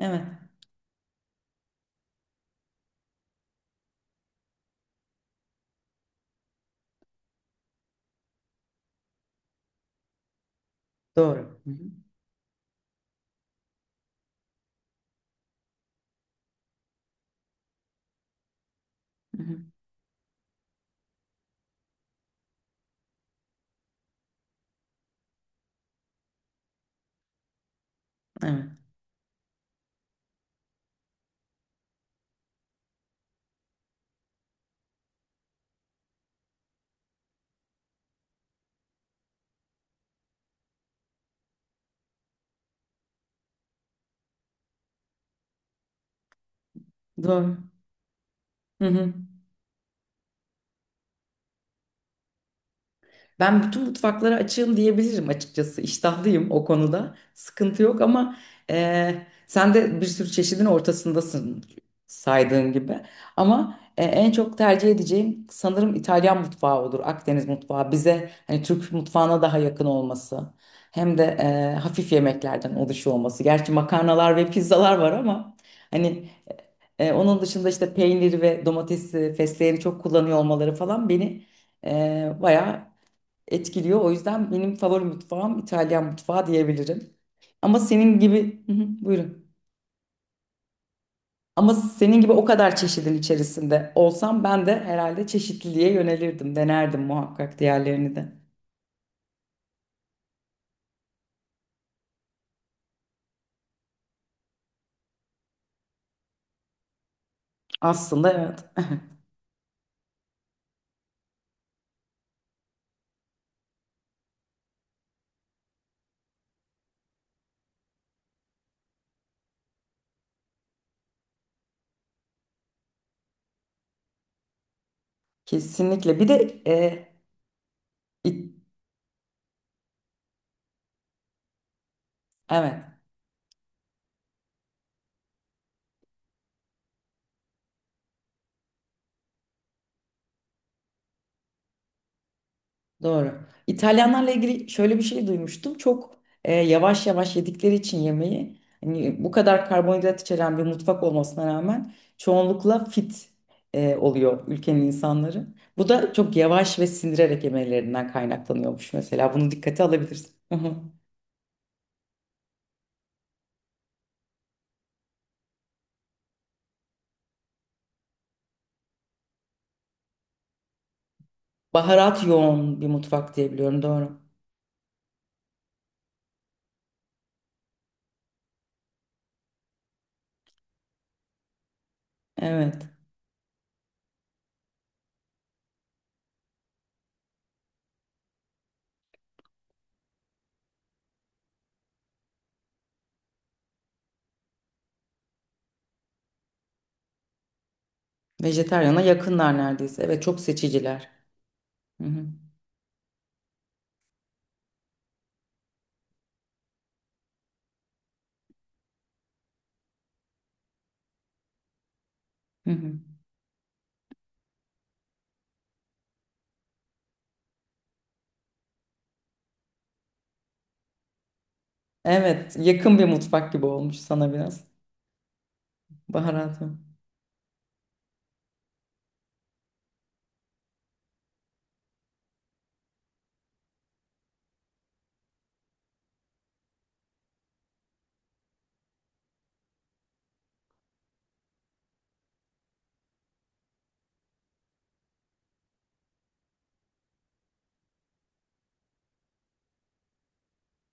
Evet, doğru. Hı hı, hı hı. Evet, doğru. Hı hı. Ben bütün mutfaklara açığım diyebilirim açıkçası. İştahlıyım o konuda. Sıkıntı yok ama e, sen de bir sürü çeşidin ortasındasın saydığın gibi. Ama en çok tercih edeceğim sanırım İtalyan mutfağı olur. Akdeniz mutfağı bize hani Türk mutfağına daha yakın olması. Hem de hafif yemeklerden oluşuyor olması. Gerçi makarnalar ve pizzalar var ama hani onun dışında işte peynir ve domatesi, fesleğeni çok kullanıyor olmaları falan beni bayağı etkiliyor. O yüzden benim favori mutfağım İtalyan mutfağı diyebilirim. Ama senin gibi, hı hı, buyurun. Ama senin gibi o kadar çeşidin içerisinde olsam ben de herhalde çeşitliliğe yönelirdim, denerdim muhakkak diğerlerini de. Aslında evet, kesinlikle. Bir de İ- evet. Doğru. İtalyanlarla ilgili şöyle bir şey duymuştum. Çok yavaş yavaş yedikleri için yemeği, hani bu kadar karbonhidrat içeren bir mutfak olmasına rağmen çoğunlukla fit oluyor ülkenin insanları. Bu da çok yavaş ve sindirerek yemelerinden kaynaklanıyormuş mesela. Bunu dikkate alabilirsin. Hı hı. Baharat yoğun bir mutfak diye biliyorum. Doğru. Evet. Vejetaryana yakınlar neredeyse. Evet, çok seçiciler. Hı hı. Hı hı. Evet, yakın bir mutfak gibi olmuş sana biraz. Baharat.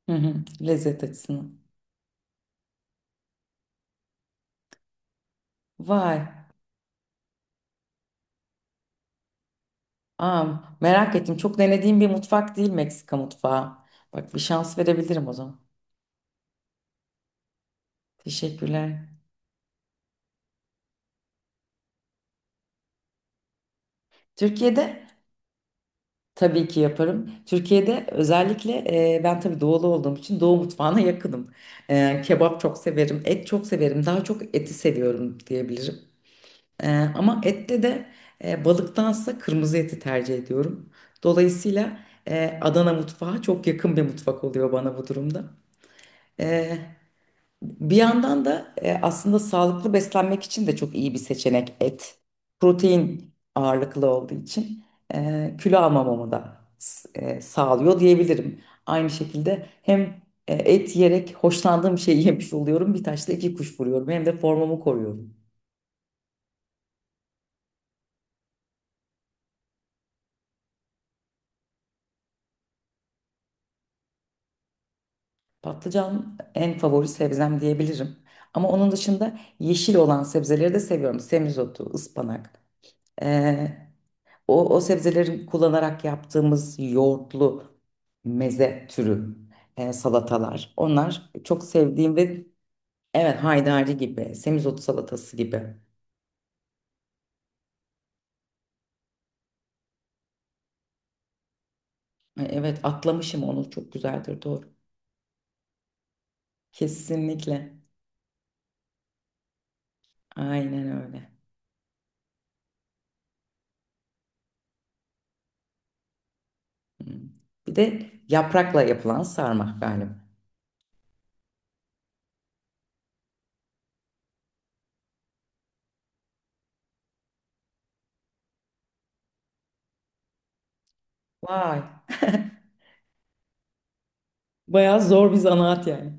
Hı hı, lezzet açısından. Vay. Aa, merak ettim. Çok denediğim bir mutfak değil Meksika mutfağı. Bak bir şans verebilirim o zaman. Teşekkürler. Türkiye'de tabii ki yaparım. Türkiye'de özellikle ben tabii doğulu olduğum için doğu mutfağına yakınım. E, kebap çok severim, et çok severim. Daha çok eti seviyorum diyebilirim. E, Ama ette de balıktansa kırmızı eti tercih ediyorum. Dolayısıyla Adana mutfağı çok yakın bir mutfak oluyor bana bu durumda. Bir yandan da aslında sağlıklı beslenmek için de çok iyi bir seçenek et. Protein ağırlıklı olduğu için kilo almamamı da sağlıyor diyebilirim. Aynı şekilde hem et yiyerek hoşlandığım şeyi yemiş oluyorum. Bir taşla iki kuş vuruyorum. Hem de formamı koruyorum. Patlıcan en favori sebzem diyebilirim. Ama onun dışında yeşil olan sebzeleri de seviyorum. Semizotu, ıspanak. e, O, o sebzeleri kullanarak yaptığımız yoğurtlu meze türü salatalar. Onlar çok sevdiğim ve evet haydari gibi, semizotu salatası gibi. E, evet, atlamışım onu çok güzeldir doğru. Kesinlikle. Aynen öyle. Hı. Bir de yaprakla yapılan sarma galiba. Vay. Bayağı zor bir zanaat yani.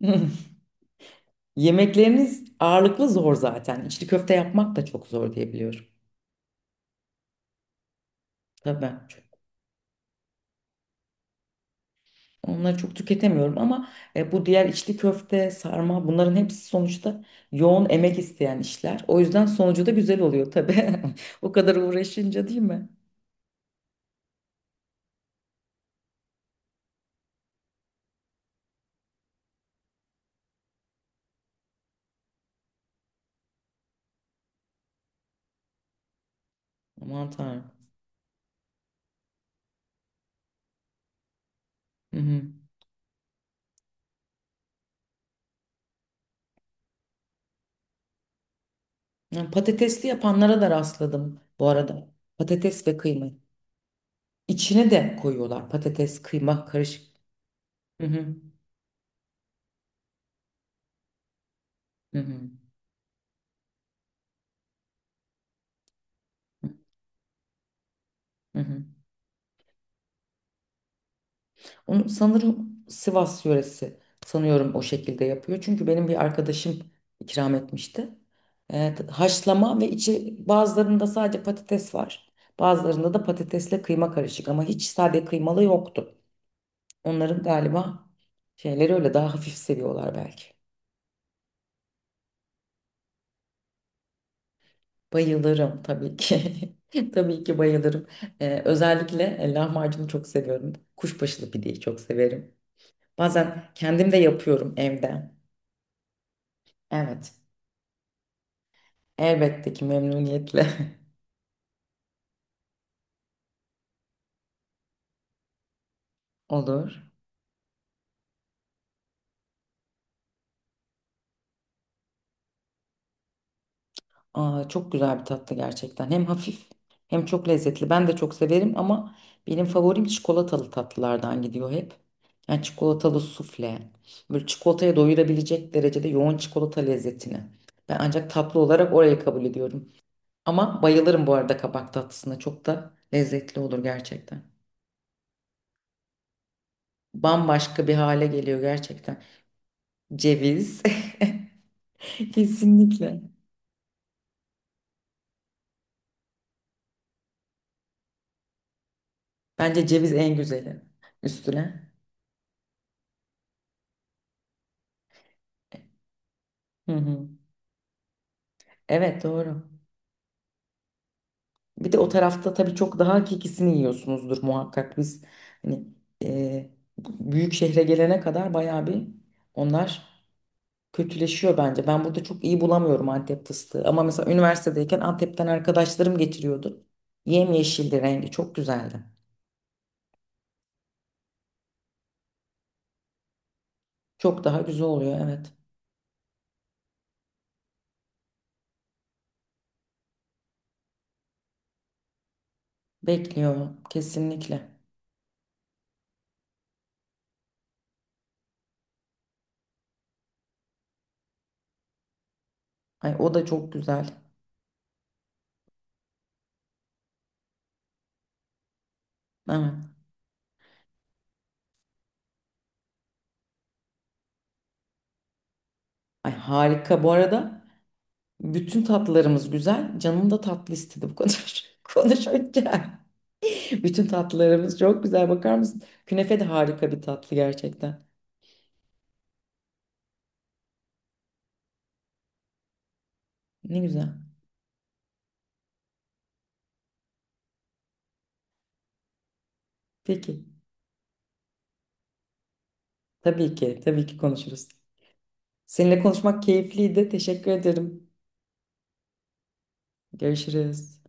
Yemekleriniz ağırlıklı zor zaten. İçli köfte yapmak da çok zor diye biliyorum. Tabii. Onları çok tüketemiyorum ama bu diğer içli köfte, sarma bunların hepsi sonuçta yoğun emek isteyen işler. O yüzden sonucu da güzel oluyor tabii. O kadar uğraşınca değil mi? Aman Tanrım. Hı hı. Ya, patatesli yapanlara da rastladım bu arada. Patates ve kıyma. İçine de koyuyorlar patates, kıyma karışık. Hı hı. Hı hı. Hı hı. Onu sanırım Sivas yöresi sanıyorum o şekilde yapıyor. Çünkü benim bir arkadaşım ikram etmişti. Haşlama ve içi bazılarında sadece patates var. Bazılarında da patatesle kıyma karışık ama hiç sade kıymalı yoktu. Onların galiba şeyleri öyle daha hafif seviyorlar belki. Bayılırım tabii ki. Tabii ki bayılırım. Özellikle lahmacunu çok seviyorum. Kuşbaşılı pideyi çok severim. Bazen kendim de yapıyorum evde. Evet. Elbette ki memnuniyetle olur. Aa, çok güzel bir tatlı gerçekten. Hem hafif hem çok lezzetli. Ben de çok severim ama benim favorim çikolatalı tatlılardan gidiyor hep. Yani çikolatalı sufle. Böyle çikolataya doyurabilecek derecede yoğun çikolata lezzetini. Ben ancak tatlı olarak orayı kabul ediyorum. Ama bayılırım bu arada kabak tatlısına. Çok da lezzetli olur gerçekten. Bambaşka bir hale geliyor gerçekten. Ceviz. Kesinlikle. Bence ceviz en güzeli üstüne. Hı hı. Evet doğru. Bir de o tarafta tabii çok daha hakikisini yiyorsunuzdur muhakkak biz. Hani e, büyük şehre gelene kadar bayağı bir onlar kötüleşiyor bence. Ben burada çok iyi bulamıyorum Antep fıstığı. Ama mesela üniversitedeyken Antep'ten arkadaşlarım getiriyordu. Yemyeşildi rengi çok güzeldi. Çok daha güzel oluyor evet. Bekliyor kesinlikle. Ay o da çok güzel. Evet. Ay harika bu arada. Bütün tatlılarımız güzel. Canım da tatlı istedi bu kadar konuşunca. Bütün tatlılarımız çok güzel. Bakar mısın? Künefe de harika bir tatlı gerçekten. Ne güzel. Peki. Tabii ki. Tabii ki konuşuruz. Seninle konuşmak keyifliydi. Teşekkür ederim. Görüşürüz.